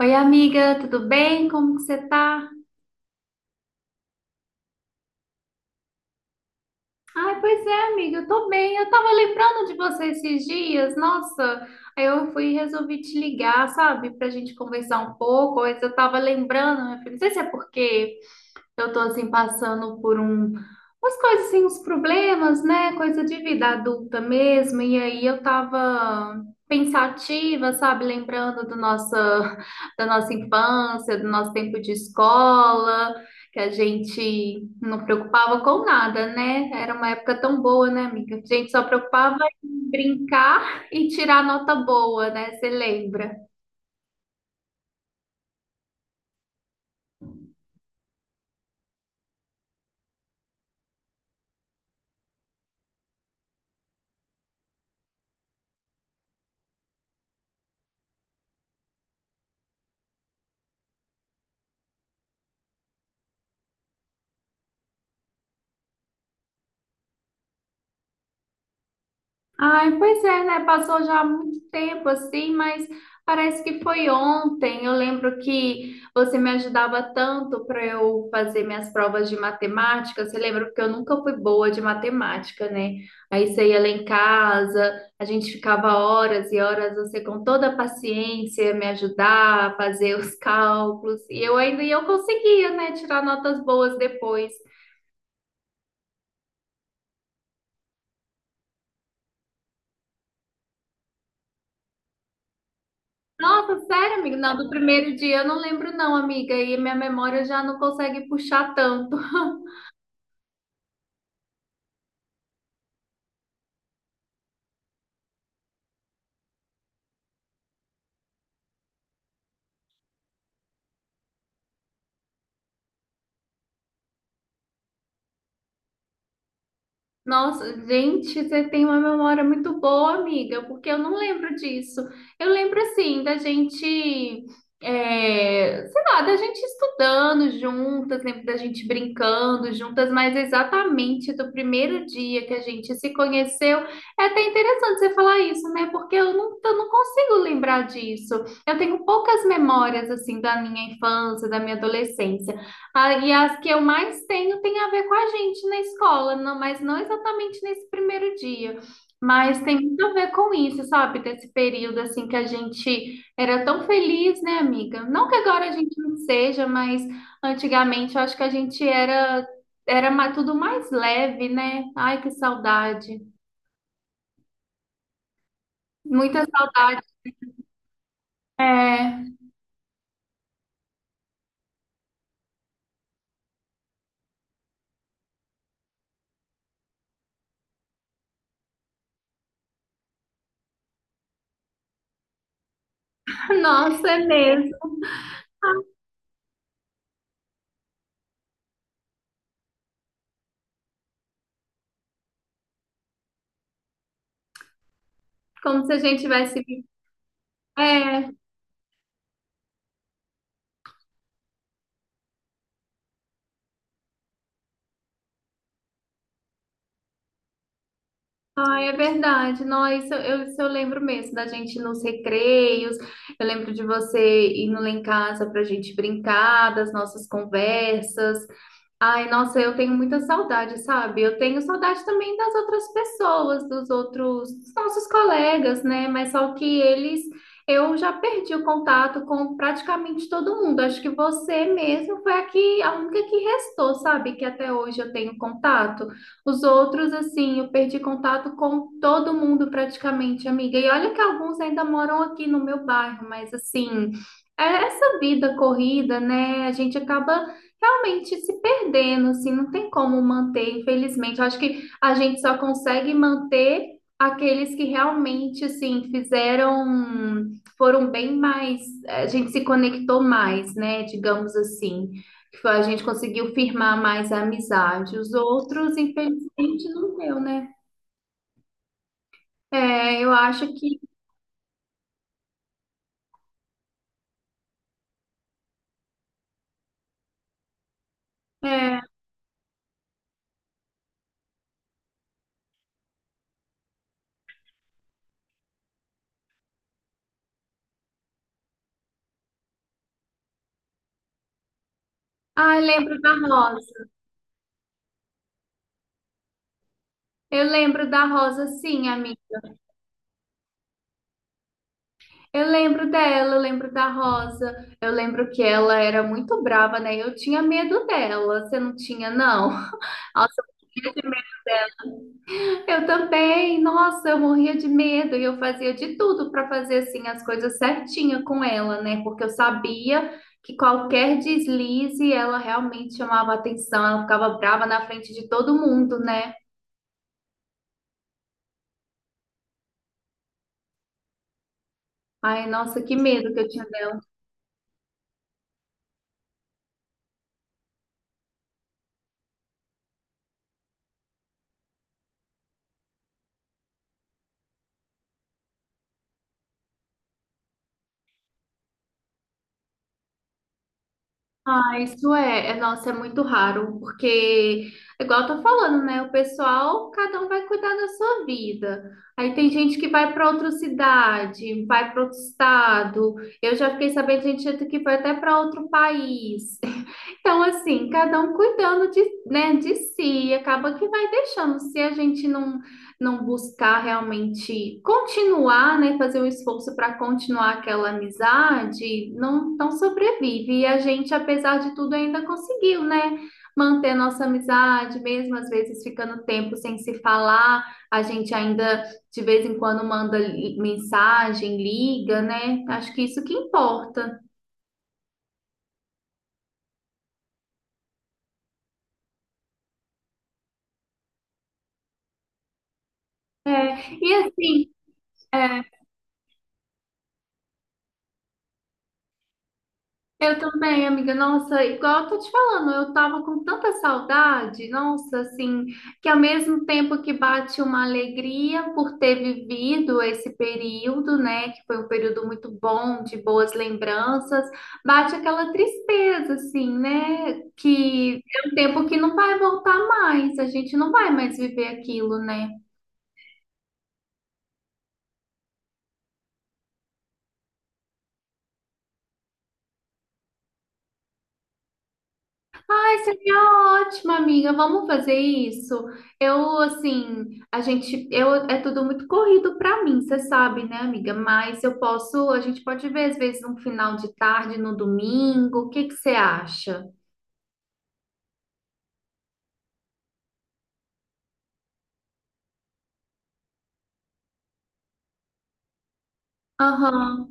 Oi, amiga, tudo bem? Como que você tá? Ai, pois é, amiga, eu tô bem. Eu tava lembrando de você esses dias, nossa. Aí eu fui e resolvi te ligar, sabe, pra gente conversar um pouco. Mas eu tava lembrando, minha filha, não sei se é porque. Eu tô assim passando por umas coisas assim, uns problemas, né? Coisa de vida adulta mesmo. E aí eu tava pensativa, sabe? Lembrando do nossa, da nossa infância, do nosso tempo de escola, que a gente não preocupava com nada, né? Era uma época tão boa, né, amiga? A gente só preocupava em brincar e tirar nota boa, né? Você lembra? Ai, pois é, né? Passou já há muito tempo assim, mas parece que foi ontem. Eu lembro que você me ajudava tanto para eu fazer minhas provas de matemática. Você lembra porque eu nunca fui boa de matemática, né? Aí você ia lá em casa, a gente ficava horas e horas, você com toda a paciência me ajudar a fazer os cálculos. E eu ainda e eu conseguia, né, tirar notas boas depois. Nossa, sério, amigo? Não, do primeiro dia eu não lembro, não, amiga. E minha memória já não consegue puxar tanto. Nossa, gente, você tem uma memória muito boa, amiga, porque eu não lembro disso. Eu lembro, assim, da gente, é, sei lá, da gente estudando juntas, lembro da gente brincando juntas, mas exatamente do primeiro dia que a gente se conheceu. É até interessante você falar isso, né? Porque eu não consigo lembrar disso. Eu tenho poucas memórias, assim, da minha infância, da minha adolescência. Ah, e as que eu mais tenho tem a ver com a gente na escola, não, mas não exatamente nesse primeiro dia. Mas tem muito a ver com isso, sabe? Desse período assim que a gente era tão feliz, né, amiga? Não que agora a gente não seja, mas antigamente eu acho que a gente era era ma- tudo mais leve, né? Ai, que saudade. Muita saudade. É, nossa, é mesmo. Como se a gente tivesse vivido. É. Ah, é verdade. Não, isso eu lembro mesmo da gente ir nos recreios. Eu lembro de você indo lá em casa para a gente brincar, das nossas conversas. Ai, nossa, eu tenho muita saudade, sabe? Eu tenho saudade também das outras pessoas, dos outros, dos nossos colegas, né? Mas só que eles, eu já perdi o contato com praticamente todo mundo. Acho que você mesmo foi a única que restou, sabe? Que até hoje eu tenho contato. Os outros, assim, eu perdi contato com todo mundo praticamente, amiga. E olha que alguns ainda moram aqui no meu bairro, mas assim, é essa vida corrida, né? A gente acaba realmente se perdendo, assim, não tem como manter, infelizmente. Eu acho que a gente só consegue manter aqueles que realmente, assim, foram bem mais, a gente se conectou mais, né, digamos assim. A gente conseguiu firmar mais a amizade. Os outros, infelizmente, não deu, né? É, eu acho que. É. Ah, eu lembro da Rosa. Eu lembro da Rosa, sim, amiga. Eu lembro dela, eu lembro da Rosa, eu lembro que ela era muito brava, né? Eu tinha medo dela, você não tinha, não? Nossa, eu morria de medo. Eu também, nossa, eu morria de medo e eu fazia de tudo para fazer assim as coisas certinha com ela, né? Porque eu sabia que qualquer deslize ela realmente chamava atenção, ela ficava brava na frente de todo mundo, né? Ai, nossa, que medo que eu tinha. Ah, nossa, é muito raro, porque, igual eu tô falando, né? O pessoal, cada um vai cuidar da sua vida. Aí tem gente que vai para outra cidade, vai para outro estado. Eu já fiquei sabendo de gente que foi até para outro país. Então, assim, cada um cuidando de, né, de si, acaba que vai deixando. Se a gente não buscar realmente continuar, né, fazer um esforço para continuar aquela amizade, não sobrevive. E a gente, apesar de tudo, ainda conseguiu, né, manter a nossa amizade, mesmo às vezes ficando tempo sem se falar, a gente ainda de vez em quando mensagem, liga, né? Acho que isso que importa. É, e assim, é. Eu também, amiga. Nossa, igual eu tô te falando, eu tava com tanta saudade, nossa, assim, que ao mesmo tempo que bate uma alegria por ter vivido esse período, né, que foi um período muito bom, de boas lembranças, bate aquela tristeza, assim, né, que é um tempo que não vai voltar mais, a gente não vai mais viver aquilo, né? Seria ótimo, amiga. Vamos fazer isso. Eu, assim, a gente, eu, é tudo muito corrido pra mim, você sabe, né, amiga? Mas a gente pode ver às vezes um final de tarde no domingo. O que que você acha? Aham.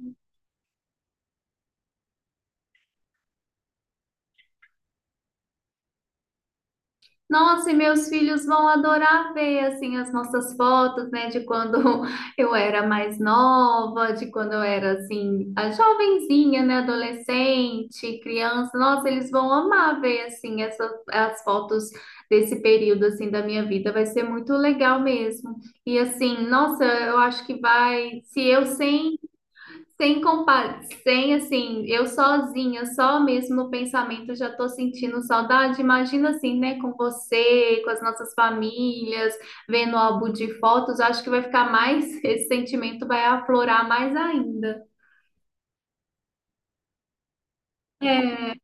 Nossa, e meus filhos vão adorar ver assim as nossas fotos, né, de quando eu era mais nova, de quando eu era assim, a jovenzinha, né, adolescente, criança. Nossa, eles vão amar ver assim essas as fotos desse período assim da minha vida. Vai ser muito legal mesmo. E assim, nossa, eu acho que vai, se eu sem sem compa, sem assim, eu sozinha, só mesmo no pensamento já tô sentindo saudade. Imagina assim, né, com você, com as nossas famílias, vendo o álbum de fotos, acho que vai ficar mais, esse sentimento vai aflorar mais ainda. É.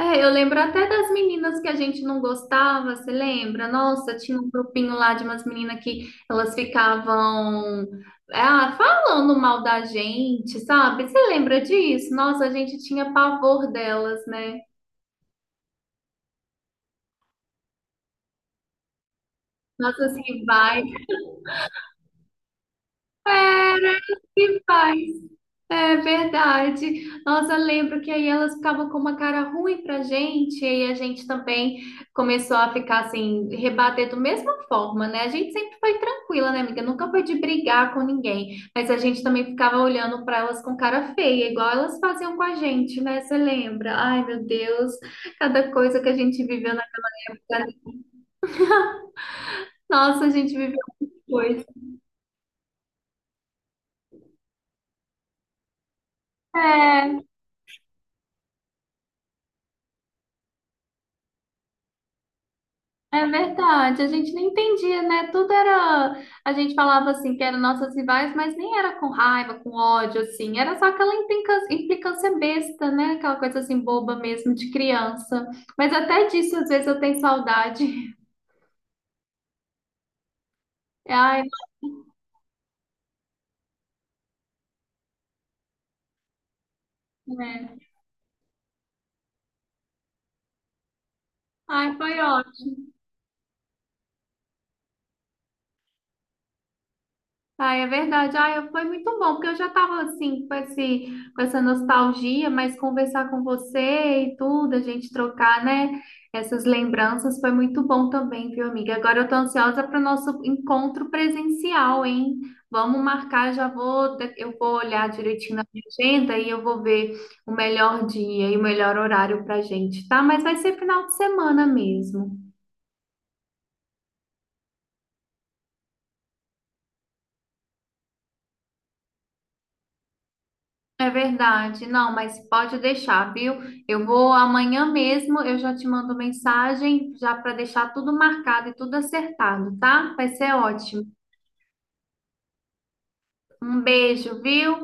É, eu lembro até das meninas que a gente não gostava, você lembra? Nossa, tinha um grupinho lá de umas meninas que elas ficavam, ah, falando mal da gente, sabe? Você lembra disso? Nossa, a gente tinha pavor delas, né? Nossas rivais. Era, rivais. É verdade. Nossa, lembro que aí elas ficavam com uma cara ruim pra gente, e a gente também começou a ficar assim, rebater da mesma forma, né? A gente sempre foi tranquila, né, amiga? Nunca foi de brigar com ninguém, mas a gente também ficava olhando pra elas com cara feia, igual elas faziam com a gente, né? Você lembra? Ai, meu Deus, cada coisa que a gente viveu na vida. Nossa, a gente viveu coisa. É. É verdade, a gente nem entendia, né? Tudo era. A gente falava assim que eram nossas rivais, mas nem era com raiva, com ódio, assim. Era só aquela implicância, implicância besta, né? Aquela coisa assim boba mesmo, de criança. Mas até disso, às vezes, eu tenho saudade. Ai, é. Ai, foi ótimo. Ah, é verdade. Foi muito bom, porque eu já estava assim, com essa nostalgia, mas conversar com você e tudo, a gente trocar, né, essas lembranças foi muito bom também, viu, amiga? Agora eu tô ansiosa para o nosso encontro presencial, hein? Vamos marcar, eu vou olhar direitinho na minha agenda e eu vou ver o melhor dia e o melhor horário pra gente, tá? Mas vai ser final de semana mesmo. É verdade, não, mas pode deixar, viu? Eu vou amanhã mesmo, eu já te mando mensagem já para deixar tudo marcado e tudo acertado, tá? Vai ser ótimo. Um beijo, viu?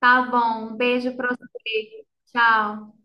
Tá bom, um beijo para você. Tchau.